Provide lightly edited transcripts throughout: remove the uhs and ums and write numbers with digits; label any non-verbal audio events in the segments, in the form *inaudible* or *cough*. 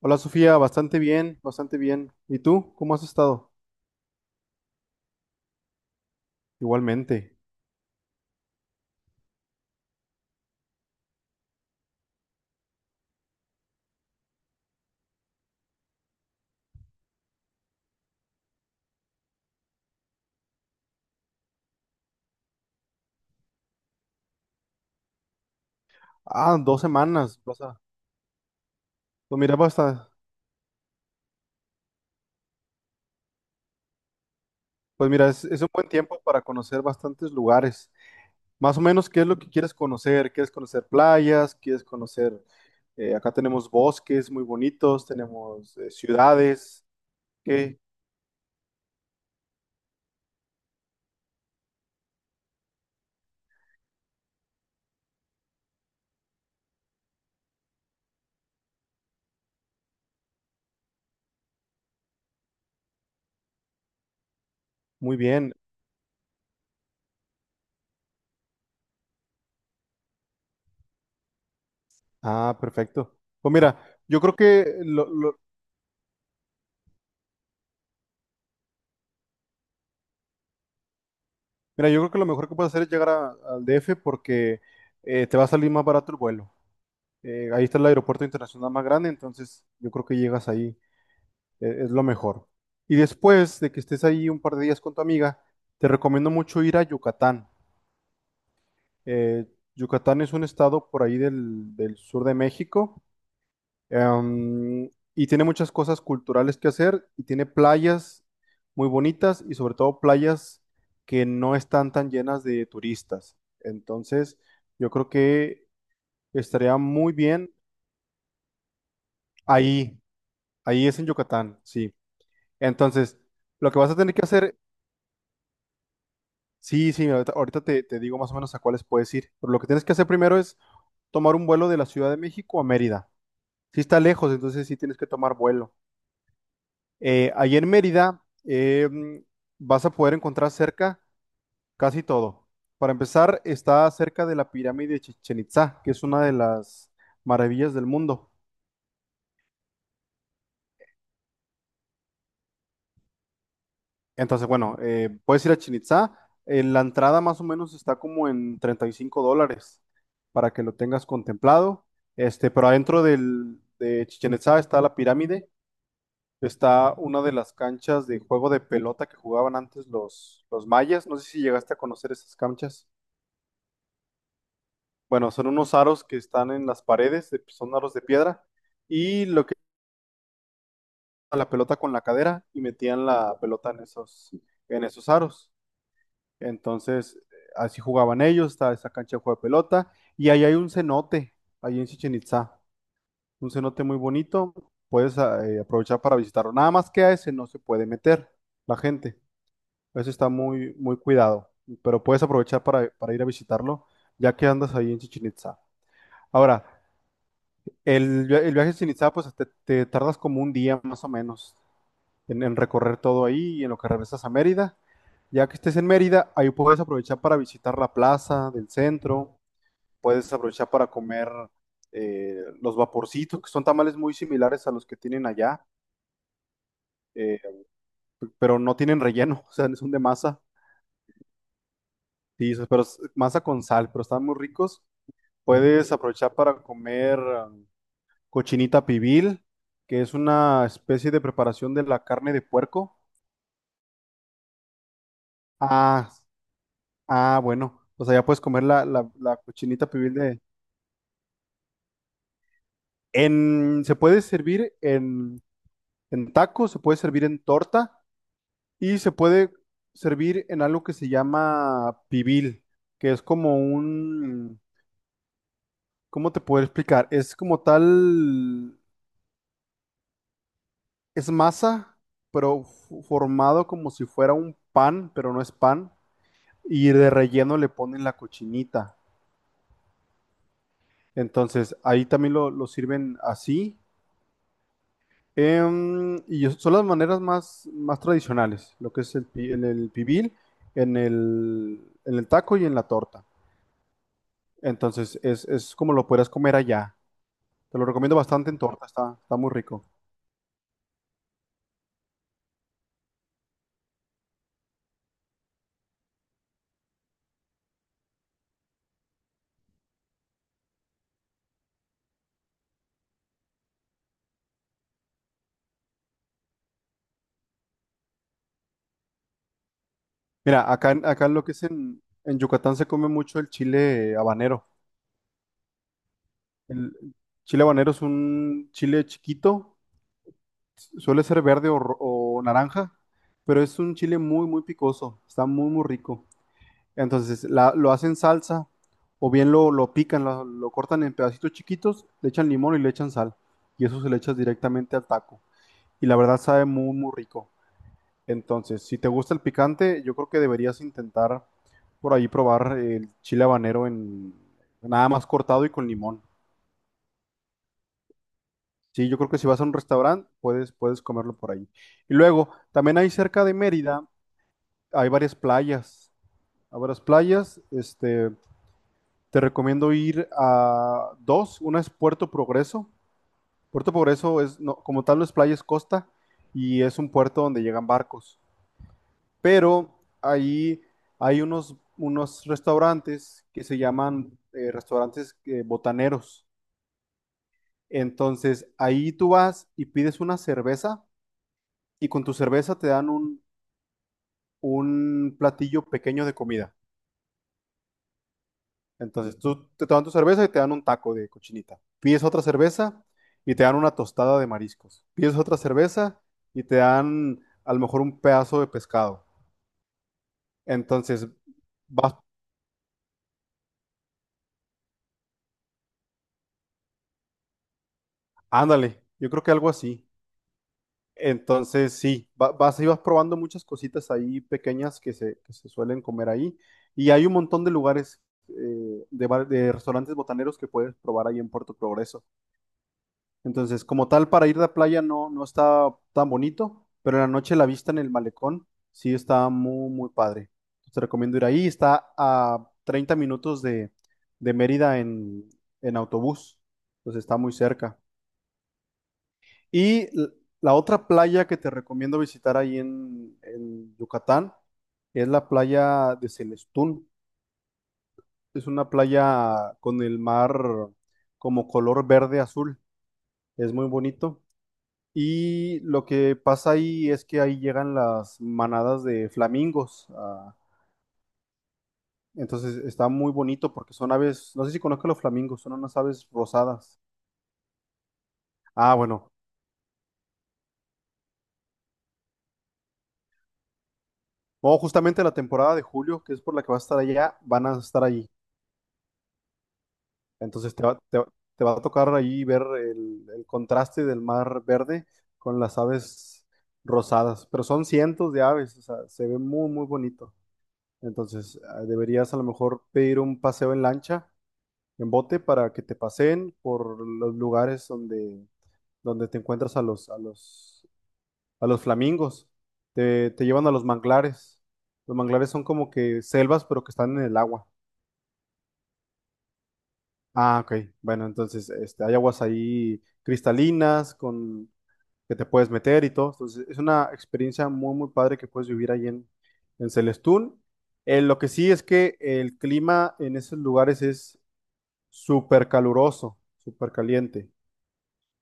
Hola Sofía, bastante bien, bastante bien. ¿Y tú? ¿Cómo has estado? Igualmente. Ah, 2 semanas. Pues mira, basta. Pues mira, es un buen tiempo para conocer bastantes lugares. Más o menos, ¿qué es lo que quieres conocer? ¿Quieres conocer playas? ¿Quieres conocer? Acá tenemos bosques muy bonitos, tenemos ciudades. ¿Qué? Muy bien. Ah, perfecto. Pues mira, yo creo que lo- mira, yo creo que lo mejor que puedes hacer es llegar al DF porque te va a salir más barato el vuelo. Ahí está el aeropuerto internacional más grande, entonces yo creo que llegas ahí, es lo mejor. Y después de que estés ahí un par de días con tu amiga, te recomiendo mucho ir a Yucatán. Eh, Yucatán es un estado por ahí del sur de México, em, y tiene muchas cosas culturales que hacer y tiene playas muy bonitas y sobre todo playas que no están tan llenas de turistas. Entonces, yo creo que estaría muy bien ahí, ahí es en Yucatán, sí. Entonces, lo que vas a tener que hacer, sí, sí, ahorita te digo más o menos a cuáles puedes ir, pero lo que tienes que hacer primero es tomar un vuelo de la Ciudad de México a Mérida. Si está lejos, entonces sí tienes que tomar vuelo. Ahí en Mérida vas a poder encontrar cerca casi todo. Para empezar, está cerca de la pirámide de Chichén Itzá, que es una de las maravillas del mundo. Entonces, bueno, puedes ir a Chichén Itzá. La entrada más o menos está como en $35 para que lo tengas contemplado. Este, pero adentro del, de Chichén Itzá está la pirámide, está una de las canchas de juego de pelota que jugaban antes los mayas. No sé si llegaste a conocer esas canchas. Bueno, son unos aros que están en las paredes, son aros de piedra, y lo que la pelota con la cadera y metían la pelota en esos aros. Entonces, así jugaban ellos, estaba esa cancha de juego de pelota. Y ahí hay un cenote, ahí en Chichen Itzá, un cenote muy bonito, puedes aprovechar para visitarlo. Nada más que a ese no se puede meter la gente, eso está muy, muy cuidado, pero puedes aprovechar para ir a visitarlo, ya que andas ahí en Chichen Itzá. Ahora, el viaje a Chichen Itzá, pues te tardas como un día más o menos, en recorrer todo ahí y en lo que regresas a Mérida. Ya que estés en Mérida, ahí puedes aprovechar para visitar la plaza del centro, puedes aprovechar para comer los vaporcitos, que son tamales muy similares a los que tienen allá, eh, pero no tienen relleno, *laughs* o sea, son de masa, sí, pero es masa con sal, pero están muy ricos. Puedes aprovechar para comer cochinita pibil, que es una especie de preparación de la carne de puerco. Ah, bueno, o sea, ya puedes comer la cochinita pibil de... Se puede servir en taco, se puede servir en torta y se puede servir en algo que se llama pibil, que es como un... ¿Cómo te puedo explicar? Es como tal... Es masa, pero formado como si fuera un pan, pero no es pan, y de relleno le ponen la cochinita. Entonces, ahí también lo sirven así. Y son las maneras más, más tradicionales, lo que es en el pibil, en el taco y en la torta. Entonces, es como lo puedas comer allá. Te lo recomiendo bastante en torta, está muy rico. Mira, acá, acá en lo que es en Yucatán se come mucho el chile habanero. El chile habanero es un chile chiquito, suele ser verde o naranja, pero es un chile muy, muy picoso, está muy, muy rico. Entonces lo hacen salsa o bien lo pican, lo cortan en pedacitos chiquitos, le echan limón y le echan sal. Y eso se le echa directamente al taco. Y la verdad sabe muy, muy rico. Entonces, si te gusta el picante, yo creo que deberías intentar por ahí probar el chile habanero en nada más cortado y con limón. Sí, yo creo que si vas a un restaurante, puedes comerlo por ahí. Y luego, también hay cerca de Mérida, hay varias playas. Hay varias playas. Te recomiendo ir a dos. Una es Puerto Progreso. Puerto Progreso es, no, como tal, no es playa, es costa y es un puerto donde llegan barcos. Pero ahí hay unos restaurantes que se llaman restaurantes botaneros. Entonces ahí tú vas y pides una cerveza y con tu cerveza te dan un platillo pequeño de comida. Entonces tú te toman tu cerveza y te dan un taco de cochinita. Pides otra cerveza y te dan una tostada de mariscos. Pides otra cerveza y te dan a lo mejor un pedazo de pescado. Entonces vas. Ándale, yo creo que algo así. Entonces sí, vas y vas probando muchas cositas ahí pequeñas que se suelen comer ahí. Y hay un montón de lugares, de restaurantes botaneros que puedes probar ahí en Puerto Progreso. Entonces, como tal, para ir de playa no, no está tan bonito, pero en la noche la vista en el malecón sí está muy, muy padre. Te recomiendo ir ahí. Está a 30 minutos de Mérida en autobús. Entonces está muy cerca. Y la otra playa que te recomiendo visitar ahí en Yucatán es la playa de Celestún. Es una playa con el mar como color verde azul. Es muy bonito. Y lo que pasa ahí es que ahí llegan las manadas de flamingos. Entonces está muy bonito porque son aves, no sé si conozco los flamingos, son unas aves rosadas. Ah, bueno. No, justamente la temporada de julio, que es por la que vas a estar allá, van a estar allí. Entonces te va a tocar ahí ver el contraste del mar verde con las aves rosadas. Pero son cientos de aves, o sea, se ve muy, muy bonito. Entonces deberías a lo mejor pedir un paseo en lancha en bote para que te paseen por los lugares donde te encuentras a los flamingos. Te llevan a los manglares. Los manglares son como que selvas, pero que están en el agua. Ah, ok. Bueno, entonces este, hay aguas ahí cristalinas con que te puedes meter y todo. Entonces es una experiencia muy, muy padre que puedes vivir ahí en Celestún. Lo que sí es que el clima en esos lugares es súper caluroso, súper caliente.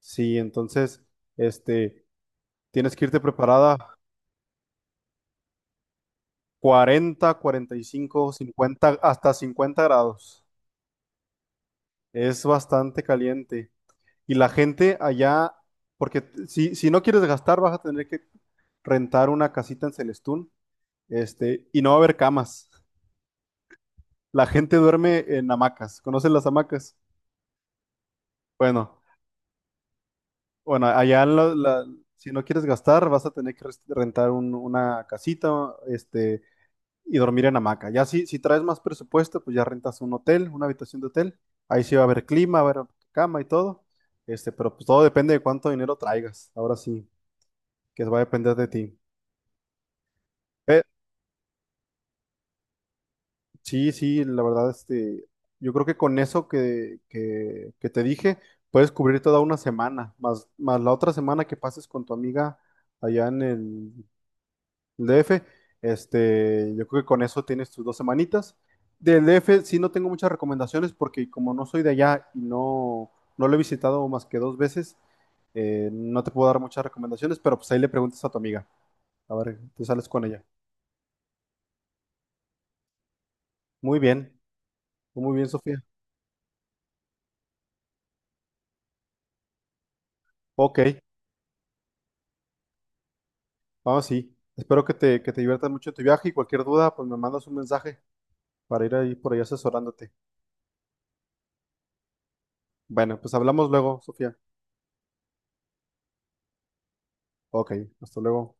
Sí, entonces, este, tienes que irte preparada 40, 45, 50, hasta 50 grados. Es bastante caliente. Y la gente allá, porque si no quieres gastar, vas a tener que rentar una casita en Celestún, y no va a haber camas. La gente duerme en hamacas. ¿Conoces las hamacas? Bueno, bueno, allá en la- la- si no quieres gastar, vas a tener que rentar una casita, y dormir en hamaca. Ya si traes más presupuesto, pues ya rentas un hotel, una habitación de hotel. Ahí sí va a haber clima, va a haber cama y todo. Pero pues todo depende de cuánto dinero traigas. Ahora sí, que va a depender de ti. Eh, sí, sí, la verdad, yo creo que con eso que te dije, puedes cubrir toda una semana, más la otra semana que pases con tu amiga allá en el DF. Yo creo que con eso tienes tus 2 semanitas. Del DF sí no tengo muchas recomendaciones porque como no soy de allá y no lo he visitado más que dos veces, no te puedo dar muchas recomendaciones, pero pues ahí le preguntas a tu amiga. A ver, tú sales con ella. Muy bien, muy bien, Sofía. Ok, vamos sí. Espero que te diviertas mucho en tu viaje y cualquier duda, pues me mandas un mensaje para ir ahí por ahí asesorándote. Bueno, pues hablamos luego, Sofía. Ok, hasta luego.